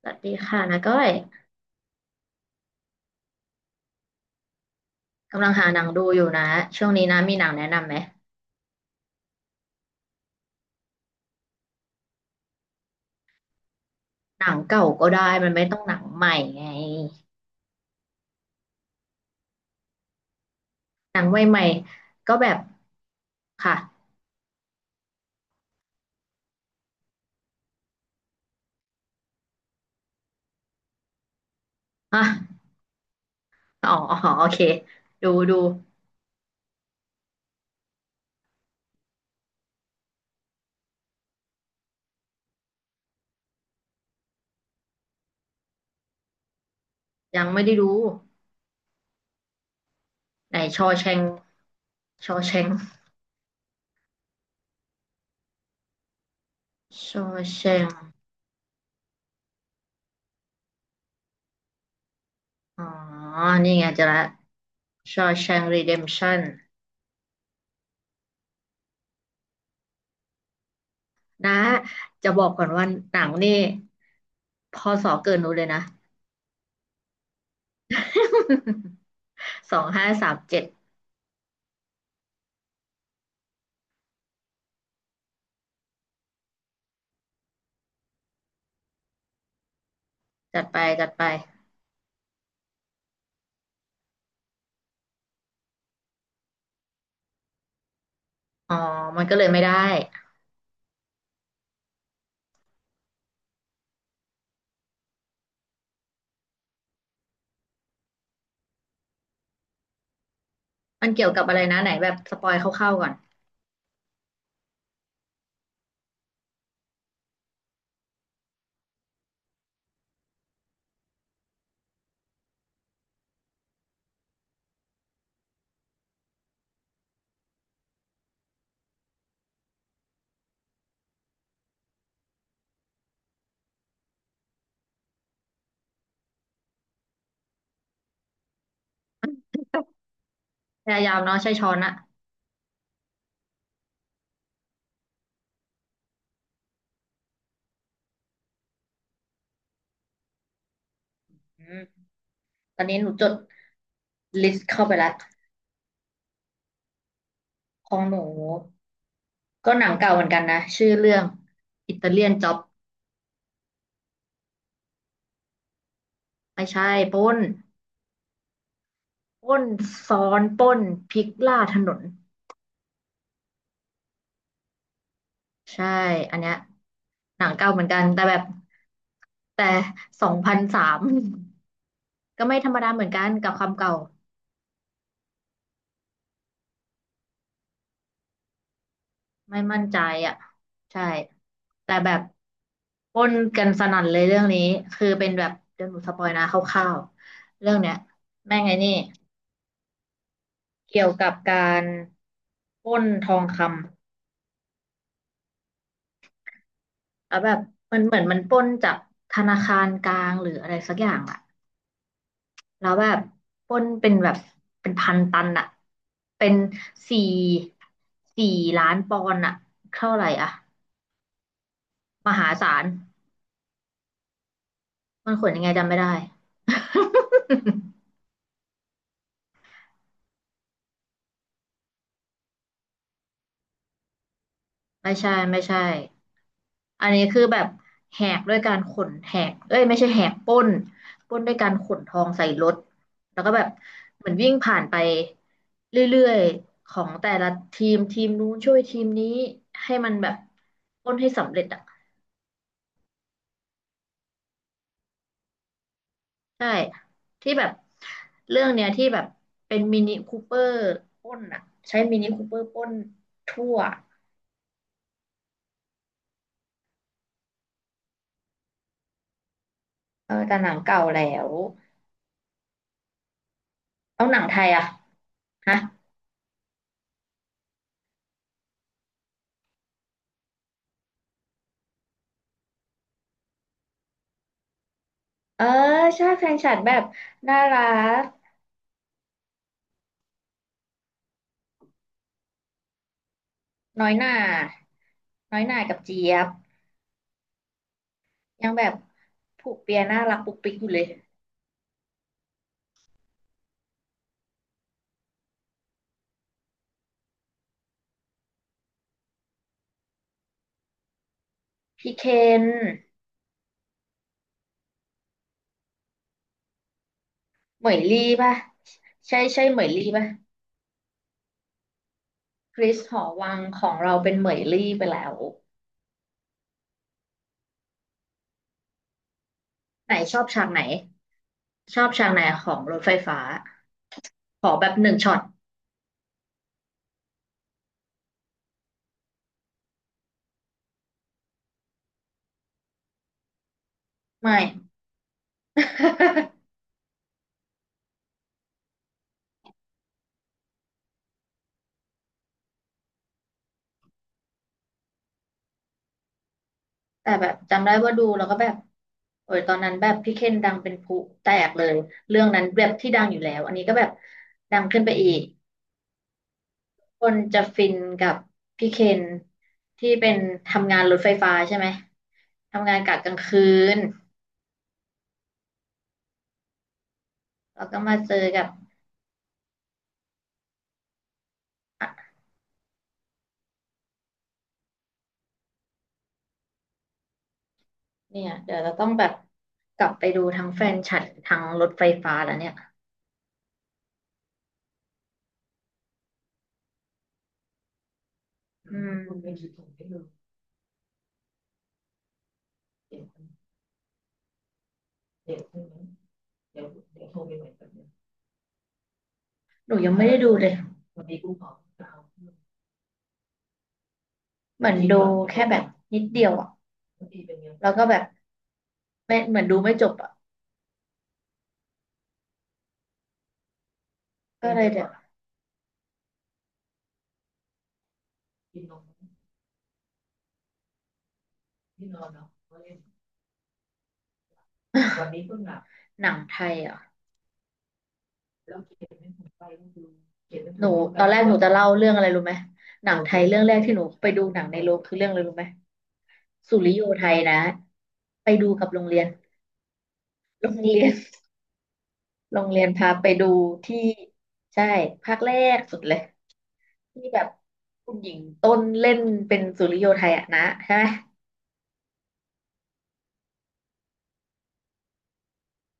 สวัสดีค่ะนะก้อยกำลังหาหนังดูอยู่นะช่วงนี้นะมีหนังแนะนำไหมหนังเก่าก็ได้มันไม่ต้องหนังใหม่ไงหนังใหม่ๆก็แบบค่ะอ่ะอ๋ออ๋อโอเคดูดูยังไม่ได้ดูไหนชอแชงชอแชงชอแชงอ๋อนี่ไงเจะละชอแชงรีเดมชั่นนะจะบอกก่อนว่าหนังนี่พศเกินหนูเลยนะ 2537จัดไปจัดไป อ๋อมันก็เลยไม่ได้ มันเกี่ยวกับอะไรนะไหนแบบสปอยคร่าวๆก่อนพยายามเนาะใช่ช้อนอะอืมตอนนี้หนูจดลิสต์เข้าไปแล้วของหนูก็หนังเก่าเหมือนกันนะชื่อเรื่องอิตาเลียนจ็อบไม่ใช่ปล้นปล้นซ้อนปล้นพลิกล่าถนนใช่ อันเนี้ยหนังเก่าเหมือนกันแต่แบบแต่2003ก็ไม่ธรรมดาเหมือนกันกับความเก่า ไม่มั่นใจอ่ะใช่แต่แบบป้นกันสนั่นเลยเรื่องนี้คือเป็นแบบเดี๋ยวหนูสปอยนะคร่าวๆเรื่องเนี้ยแม่งไงนี่เกี่ยวกับการปล้นทองคำแล้วแบบมันเหมือนมันปล้นจากธนาคารกลางหรืออะไรสักอย่างอะแล้วแบบปล้นเป็นแบบเป็นพันตันอะเป็นสี่สี่ล้านปอนด์อะเท่าไหร่อ่ะมหาศาลมันขนยังไงจำไม่ได้ ไม่ใช่ไม่ใช่อันนี้คือแบบแหกด้วยการขนแหกเอ้ยไม่ใช่แหกปล้นปล้นด้วยการขนทองใส่รถแล้วก็แบบเหมือนวิ่งผ่านไปเรื่อยๆของแต่ละทีมทีมนู้นช่วยทีมนี้ให้มันแบบปล้นให้สำเร็จอ่ะใช่ที่แบบเรื่องเนี้ยที่แบบเป็นมินิคูเปอร์ปล้นอ่ะใช้มินิคูเปอร์ปล้นทั่วเออแต่หนังเก่าแล้วเอาหนังไทยอ่ะฮะ เออใช่แฟนฉันแบบน่ารักน้อยหน่าน้อยหน่ากับเจี๊ยบยังแบบผูกเปียน่ารักปุกปิกอยู่เลยพี่เคนเหมยลี่ป่ะใช่ใช่เหมยลี่ป่ะคริสหอวังของเราเป็นเหมยลี่ไปแล้วไหนชอบฉากไหนชอบฉากไหนของรถไฟฟ้าขอแบบหนึ่งช็อตไม่ แต่แบบจำได้ว่าดูแล้วก็แบบโอ้ยตอนนั้นแบบพี่เคนดังเป็นพลุแตกเลยเรื่องนั้นแบบที่ดังอยู่แล้วอันนี้ก็แบบดังขึ้นไปอีกคนจะฟินกับพี่เคนที่เป็นทำงานรถไฟฟ้าใช่ไหมทำงานกะกลางคืนแล้วก็มาเจอกับอ่ะเนี่ยเดี๋ยวเราต้องแบบกลับไปดูทั้งแฟนฉันทั้งรถไฟฟ้าแล้วเนี่ยอืมหนูยังไม่ได้ดูเลยเหมือนดูแค่แบบนิดเดียวอ่ะแล้วก็แบบ ไม่เหมือนดูไม่จบอ่ะก็เลยเดี๋ยว หนังไทยอ่ะหมดหนูตนอวนแรกหหนูจะเล่าเรื่องอะไรรู้ไหมหนังไทยเรื่องแรกที่หนูไปดูหนังในโรงคือเรื่องอะไรรู้ไหมสุริโยไทยนะไปดูกับโรงเรียน โรงเรียนโรงเรียนพาไปดูที่ใช่ภาคแรกสุดเลยที่แบบคุณหญิงต้นเล่นเป็นสุริโยไทยอะนะใช่ไหม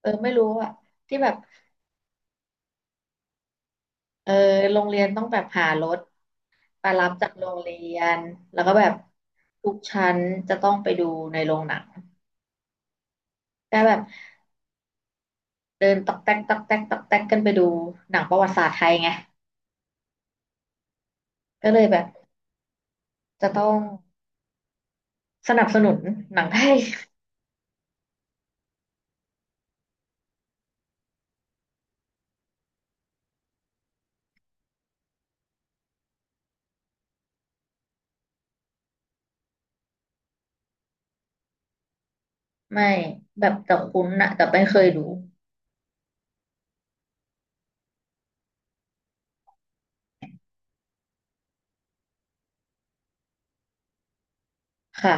เออไม่รู้อะที่แบบเออโรงเรียนต้องแบบหารถ ไปรับจากโรงเรียน แล้วก็แบบทุกชั้นจะต้องไปดูในโรงหนังก็แบบเดินตอกแตกตอกแตกตอกแตกกันไปดูหนังประวัติศาสตร์ไทยไง ก็เลยแบบจะต้องสนับสนุนหนังไทย ไม่แบบแต่คุ้นนะแต่ไม่เคยดูค่ะ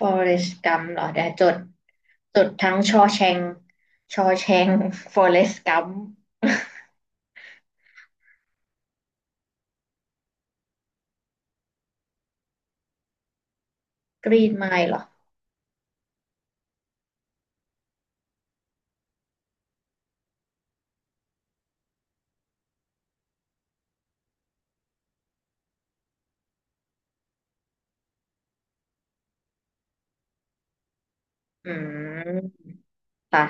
Forrest Gump เหรอเดี๋ยวจดจดทั้งชอแชงชอแชง Forrest Gump Green Mile เหรอ อืมค่ะ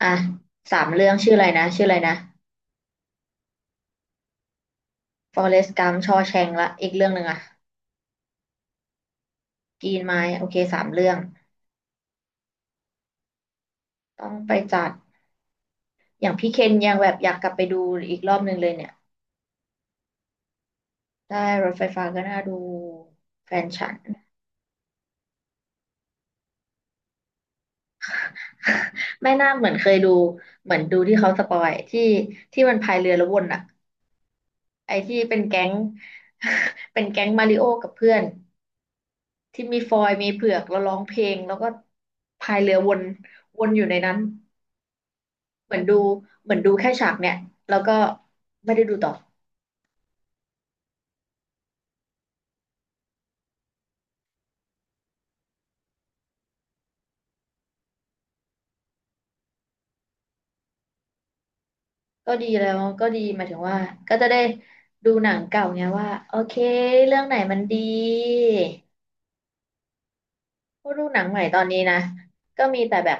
อ่ะ สามเรื่องชื่ออะไรนะชื่ออะไรนะ ฟอเรสต์กัมชอแชงละอีกเรื่องหนึ่งอะกีนไม้โอเคสามเรื่อง ต้องไปจัด อย่างพี่เคนยังแบบอยากกลับไปดูอีกรอบหนึ่งเลยเนี่ย ได้รถไฟฟ้าก็น่าดูแฟนฉัน ไม่น่าเหมือนเคยดูเหมือนดูที่เขาสปอยที่ที่มันพายเรือแล้ววนอะไอที่เป็นแก๊ง เป็นแก๊งมาริโอกับเพื่อนที่มีฟอยล์มีเผือกแล้วร้องเพลงแล้วก็พายเรือวนวนอยู่ในนั้นเหมือนดูเหมือนดูแค่ฉากเนี่ยแล้วก็ไม่ได้ดูต่อ ก็ดีแล้วก็ดีหมายถึงว่าก็จะได้ดูหนังเก่าไงว่าโอเคเรื่องไหนมันดีเพราะดูหนังใหม่ตอนนี้นะก็มีแต่แบบ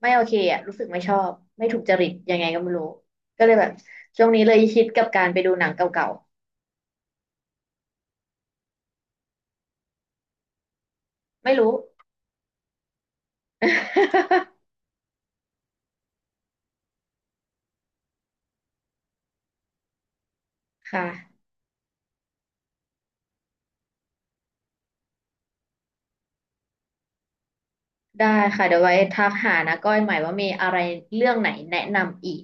ไม่โอเคอ่ะรู้สึกไม่ชอบไม่ถูกจริตยังไงก็ไม่รู้ก็เลยแบบช่วงนี้เลยคิดกับการไปดูหนังเก่าๆไม่รู้ ค่ะได้ค่ะเดี๋ยวไว้ทักหานะก้อยใหม่ว่ามีอะไรเรื่องไหนแนะนำอีก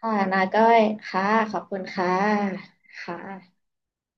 ค่ะนาก้อยค่ะขอบคุณค่ะค่ะ